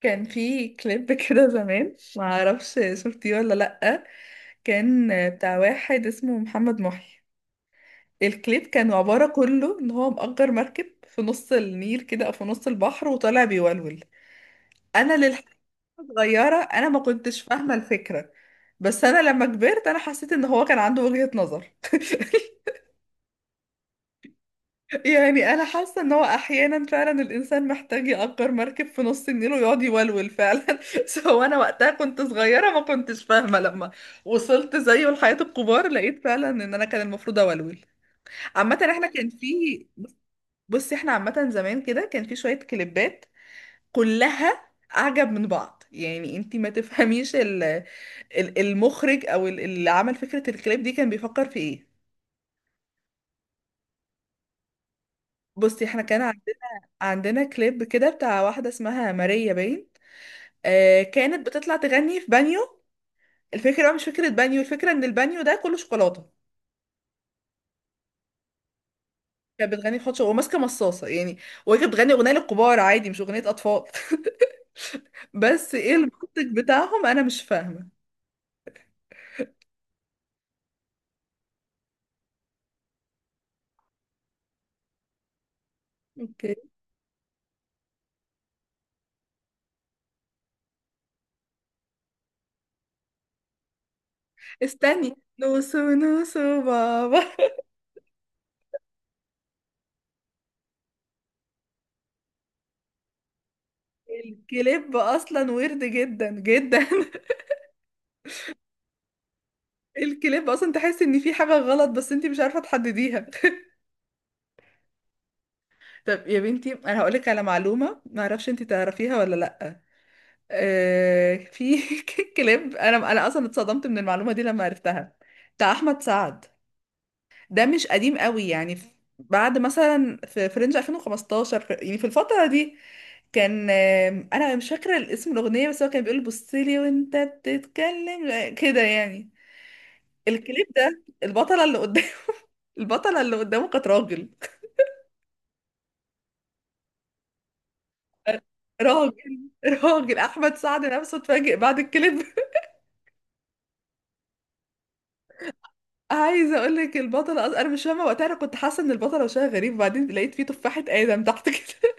كان في كليب كده زمان ما اعرفش شفتيه ولا لأ. كان بتاع واحد اسمه محمد محي. الكليب كان عبارة كله ان هو مأجر مركب في نص النيل كده او في نص البحر وطالع بيولول. انا للحقيقة صغيرة، ما كنتش فاهمة الفكرة، بس انا لما كبرت حسيت ان هو كان عنده وجهة نظر يعني انا حاسه ان هو احيانا فعلا الانسان محتاج يأجر مركب في نص النيل ويقعد يولول فعلا سو انا وقتها كنت صغيره ما كنتش فاهمه لما وصلت زيه لحياه الكبار، لقيت فعلا ان انا كان المفروض اولول. عامه احنا كان في، بصي احنا عامه زمان كده كان في شويه كليبات كلها اعجب من بعض. يعني انتي ما تفهميش المخرج او اللي عمل فكره الكليب دي كان بيفكر في ايه. بصي احنا كان عندنا كليب كده بتاع واحدة اسمها ماريا باين، آه كانت بتطلع تغني في بانيو. الفكرة بقى مش فكرة بانيو، الفكرة ان البانيو ده كله شوكولاتة. كانت بتغني في حوض شوكولاتة وماسكة مصاصة يعني، وهي كانت بتغني اغنية للكبار عادي مش اغنية اطفال بس ايه المنطق بتاعهم انا مش فاهمة. اوكي. استني نوسو بابا الكليب اصلا ويرد جدا جدا الكليب اصلا تحس ان في حاجة غلط بس انت مش عارفة تحدديها. طب يا بنتي انا هقولك على معلومه ما اعرفش انت تعرفيها ولا لا. آه في كليب، انا اصلا اتصدمت من المعلومه دي لما عرفتها، بتاع احمد سعد. ده مش قديم قوي يعني بعد مثلا في رينج 2015، يعني في الفتره دي كان انا مش فاكره الاسم الاغنيه، بس هو كان بيقول بصلي وانت بتتكلم، كده يعني. الكليب ده البطله اللي قدامه البطله اللي قدامه كانت راجل. راجل احمد سعد نفسه اتفاجئ بعد الكليب عايزه اقول لك البطله انا مش فاهمه وقتها، انا كنت حاسه ان البطله وشها غريب وبعدين لقيت فيه تفاحه ادم تحت كده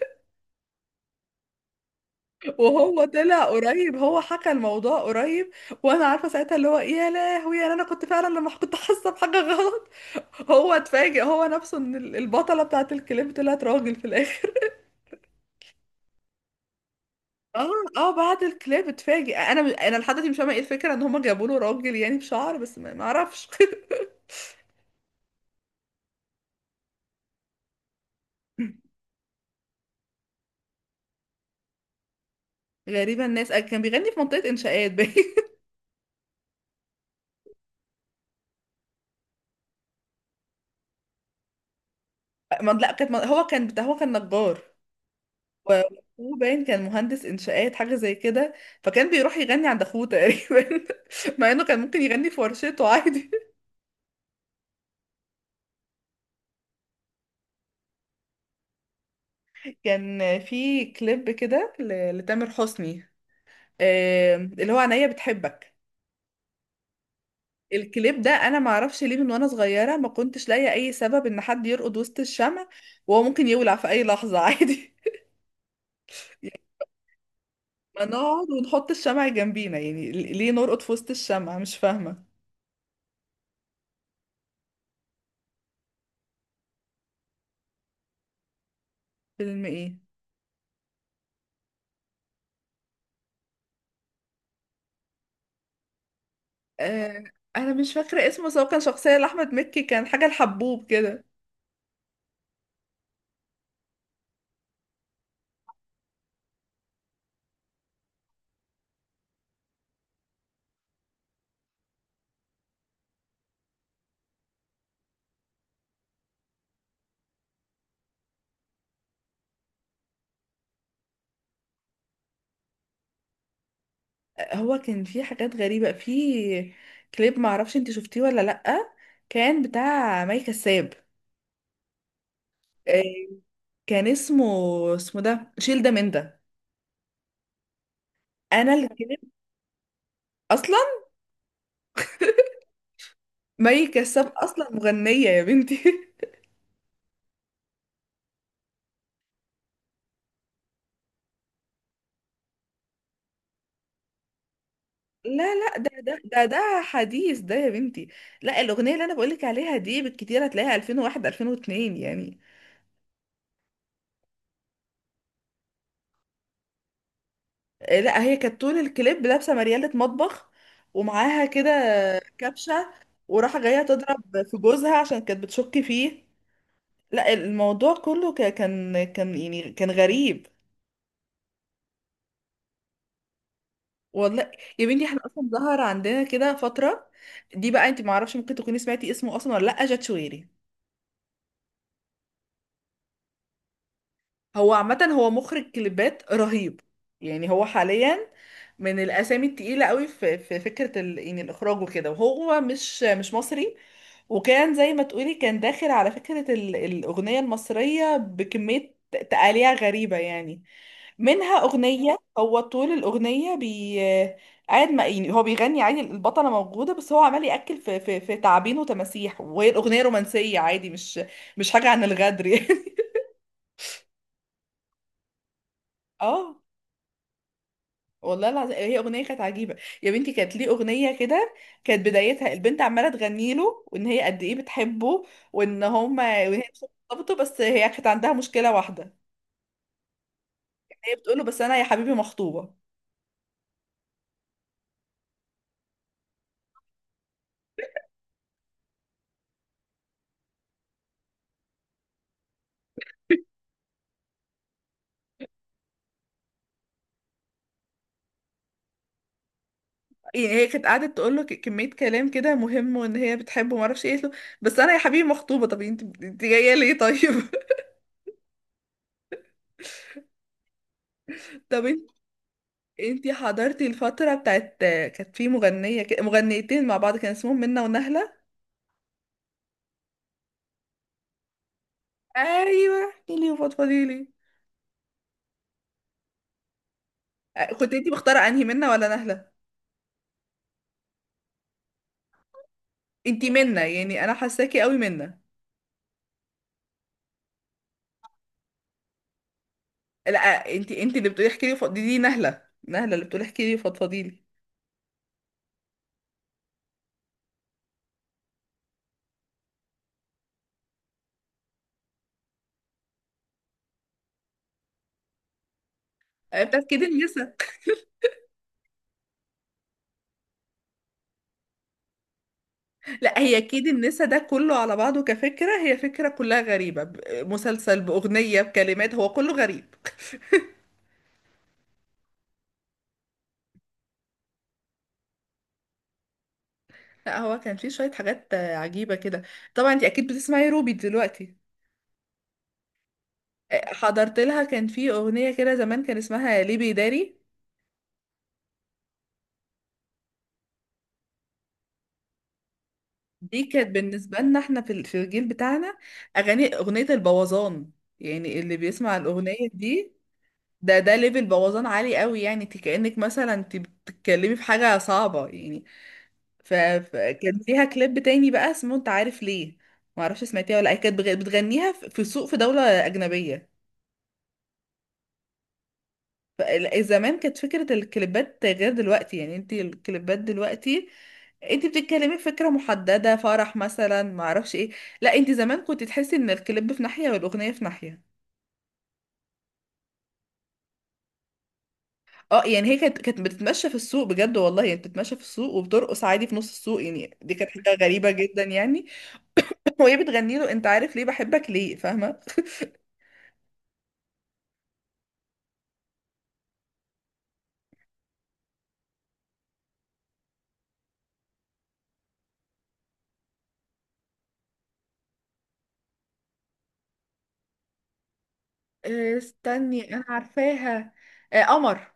وهو طلع قريب، هو حكى الموضوع قريب. وانا عارفه ساعتها اللي هو يا لهوي. يعني انا كنت فعلا لما كنت حاسه بحاجه غلط، هو اتفاجئ هو نفسه ان البطله بتاعت الكليب طلعت راجل في الاخر اه. اه بعد الكليب اتفاجئ. انا لحد دلوقتي مش فاهمه ايه الفكره ان هم جابوا له راجل يعني بشعر، بس ما اعرفش غريبة الناس، كان بيغني في منطقة إنشاءات باين لا كانت هو كان بتاع، هو كان نجار، و وأخوه باين كان مهندس إنشاءات حاجة زي كده، فكان بيروح يغني عند أخوه تقريبا مع إنه كان ممكن يغني في ورشته عادي. كان في كليب كده لتامر حسني، اللي هو عينيا بتحبك. الكليب ده انا ما اعرفش ليه، من وانا صغيره ما كنتش لاقيه اي سبب ان حد يرقد وسط الشمع وهو ممكن يولع في اي لحظه عادي ما نقعد ونحط الشمع جنبينا يعني، ليه نرقد في وسط الشمع؟ مش فاهمة. فيلم ايه؟ آه انا مش فاكرة اسمه، بس هو كان شخصية لأحمد مكي كان حاجة الحبوب كده. هو كان فيه حاجات غريبة في كليب، معرفش انت شفتيه ولا لأ، كان بتاع مي كساب. آه كان اسمه، اسمه ده شيل ده من ده. انا الكليب اصلا، مي كساب اصلا مغنية يا بنتي لا لا، ده حديث ده يا بنتي. لا الأغنية اللي أنا بقولك عليها دي بالكتير هتلاقيها 2001 2002 يعني. لا هي كانت طول الكليب لابسة مريالة مطبخ ومعاها كده كبشة، وراحة جاية تضرب في جوزها عشان كانت بتشك فيه. لا الموضوع كله كان يعني كان غريب. والله يا بنتي احنا أصلا ظهر عندنا كده فترة، دي بقى انت معرفش ممكن تكوني سمعتي اسمه أصلا ولا لأ، جات شويري. هو عامة هو مخرج كليبات رهيب، يعني هو حاليا من الأسامي التقيلة قوي في فكرة ال... يعني الإخراج وكده. وهو مش مصري، وكان زي ما تقولي كان داخل على فكرة ال... الأغنية المصرية بكمية تقاليع غريبة يعني. منها أغنية هو طول الأغنية بي قاعد ما، يعني هو بيغني عادي، البطلة موجودة، بس هو عمال يأكل في تعابين وتماسيح، وهي الأغنية رومانسية عادي، مش حاجة عن الغدر يعني اه والله العظيم هي اغنيه كانت عجيبه. يا بنتي كانت ليه اغنيه كده؟ كانت بدايتها البنت عماله تغني له وان هي قد ايه بتحبه، وان هما، وان هي مش مرتبطه، بس هي كانت عندها مشكله واحده. هي بتقول له بس انا يا حبيبي مخطوبه. يعني هي كانت قعدت تقول له كميه كلام كده مهم وان هي بتحبه ما اعرفش ايه قالت له، بس انا يا حبيبي مخطوبه. طب انت جايه ليه طيب؟ طب انت، انت حضرتي الفتره بتاعت كانت في مغنيه كده- مغنيتين مع بعض كان اسمهم منة ونهله. ايوه احكي لي وفضفضي لي. كنت انتي مختاره انهي، منا ولا نهله؟ انتي منا، يعني انا حاساكي قوي منا. لا انتي اللي بتقولي احكي لي دي، دي نهله. نهله اللي بتقولي احكي لي فضفضي لي. بتاعت كيد النسا. لا هي كيد النسا ده كله على بعضه كفكره، هي فكره كلها غريبه. مسلسل باغنيه بكلمات، هو كله غريب. لا هو كان فيه شويه حاجات عجيبه كده. طبعا انتي اكيد بتسمعي روبي دلوقتي. حضرت لها كان في اغنيه كده زمان، كان اسمها ليبي داري. دي كانت بالنسبة لنا احنا في في الجيل بتاعنا أغاني أغنية البوظان. يعني اللي بيسمع الأغنية دي، ده ده ليفل بوظان عالي قوي، يعني انت كأنك مثلا انت بتتكلمي في حاجة صعبة يعني. فكان ليها كليب تاني بقى اسمه انت عارف ليه، معرفش سمعتيها ولا لأ. هي بتغنيها في في سوق في دولة أجنبية. زمان كانت فكرة الكليبات غير دلوقتي، يعني انت الكليبات دلوقتي انت بتتكلمي فكرة محددة، فرح مثلا، معرفش ايه. لا انت زمان كنت تحسي ان الكليب في ناحية والأغنية في ناحية. اه يعني هي كانت بتتمشى في السوق بجد والله، يعني بتتمشى في السوق وبترقص عادي في نص السوق، يعني دي كانت حاجة غريبة جدا يعني وهي بتغني له انت عارف ليه بحبك ليه، فاهمة. استني انا عارفاها. قمر.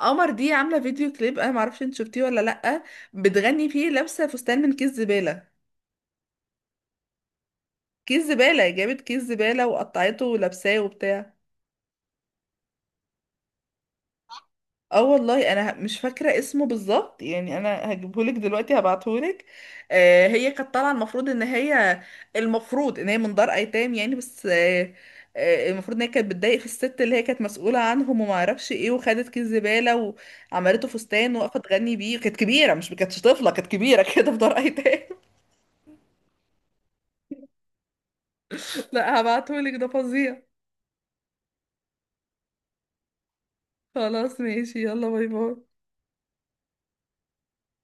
قمر دي عامله فيديو كليب، انا معرفش انت شفتيه ولا لا، بتغني فيه لابسه فستان من كيس زباله. جابت كيس زباله وقطعته ولابساه وبتاع. اه والله انا مش فاكره اسمه بالظبط، يعني انا هجيبهولك دلوقتي هبعتهولك. آه هي كانت طالعه المفروض ان هي، المفروض ان هي من دار ايتام يعني، بس آه، آه المفروض ان هي كانت بتضايق في الست اللي هي كانت مسؤوله عنهم وما اعرفش ايه، وخدت كيس زباله وعملته فستان وقفت تغني بيه. كانت كبيره، مش كانتش طفله، كانت كبيره كده في دار ايتام. لا هبعتهولك ده فظيع. خلاص ماشي، يلا باي باي.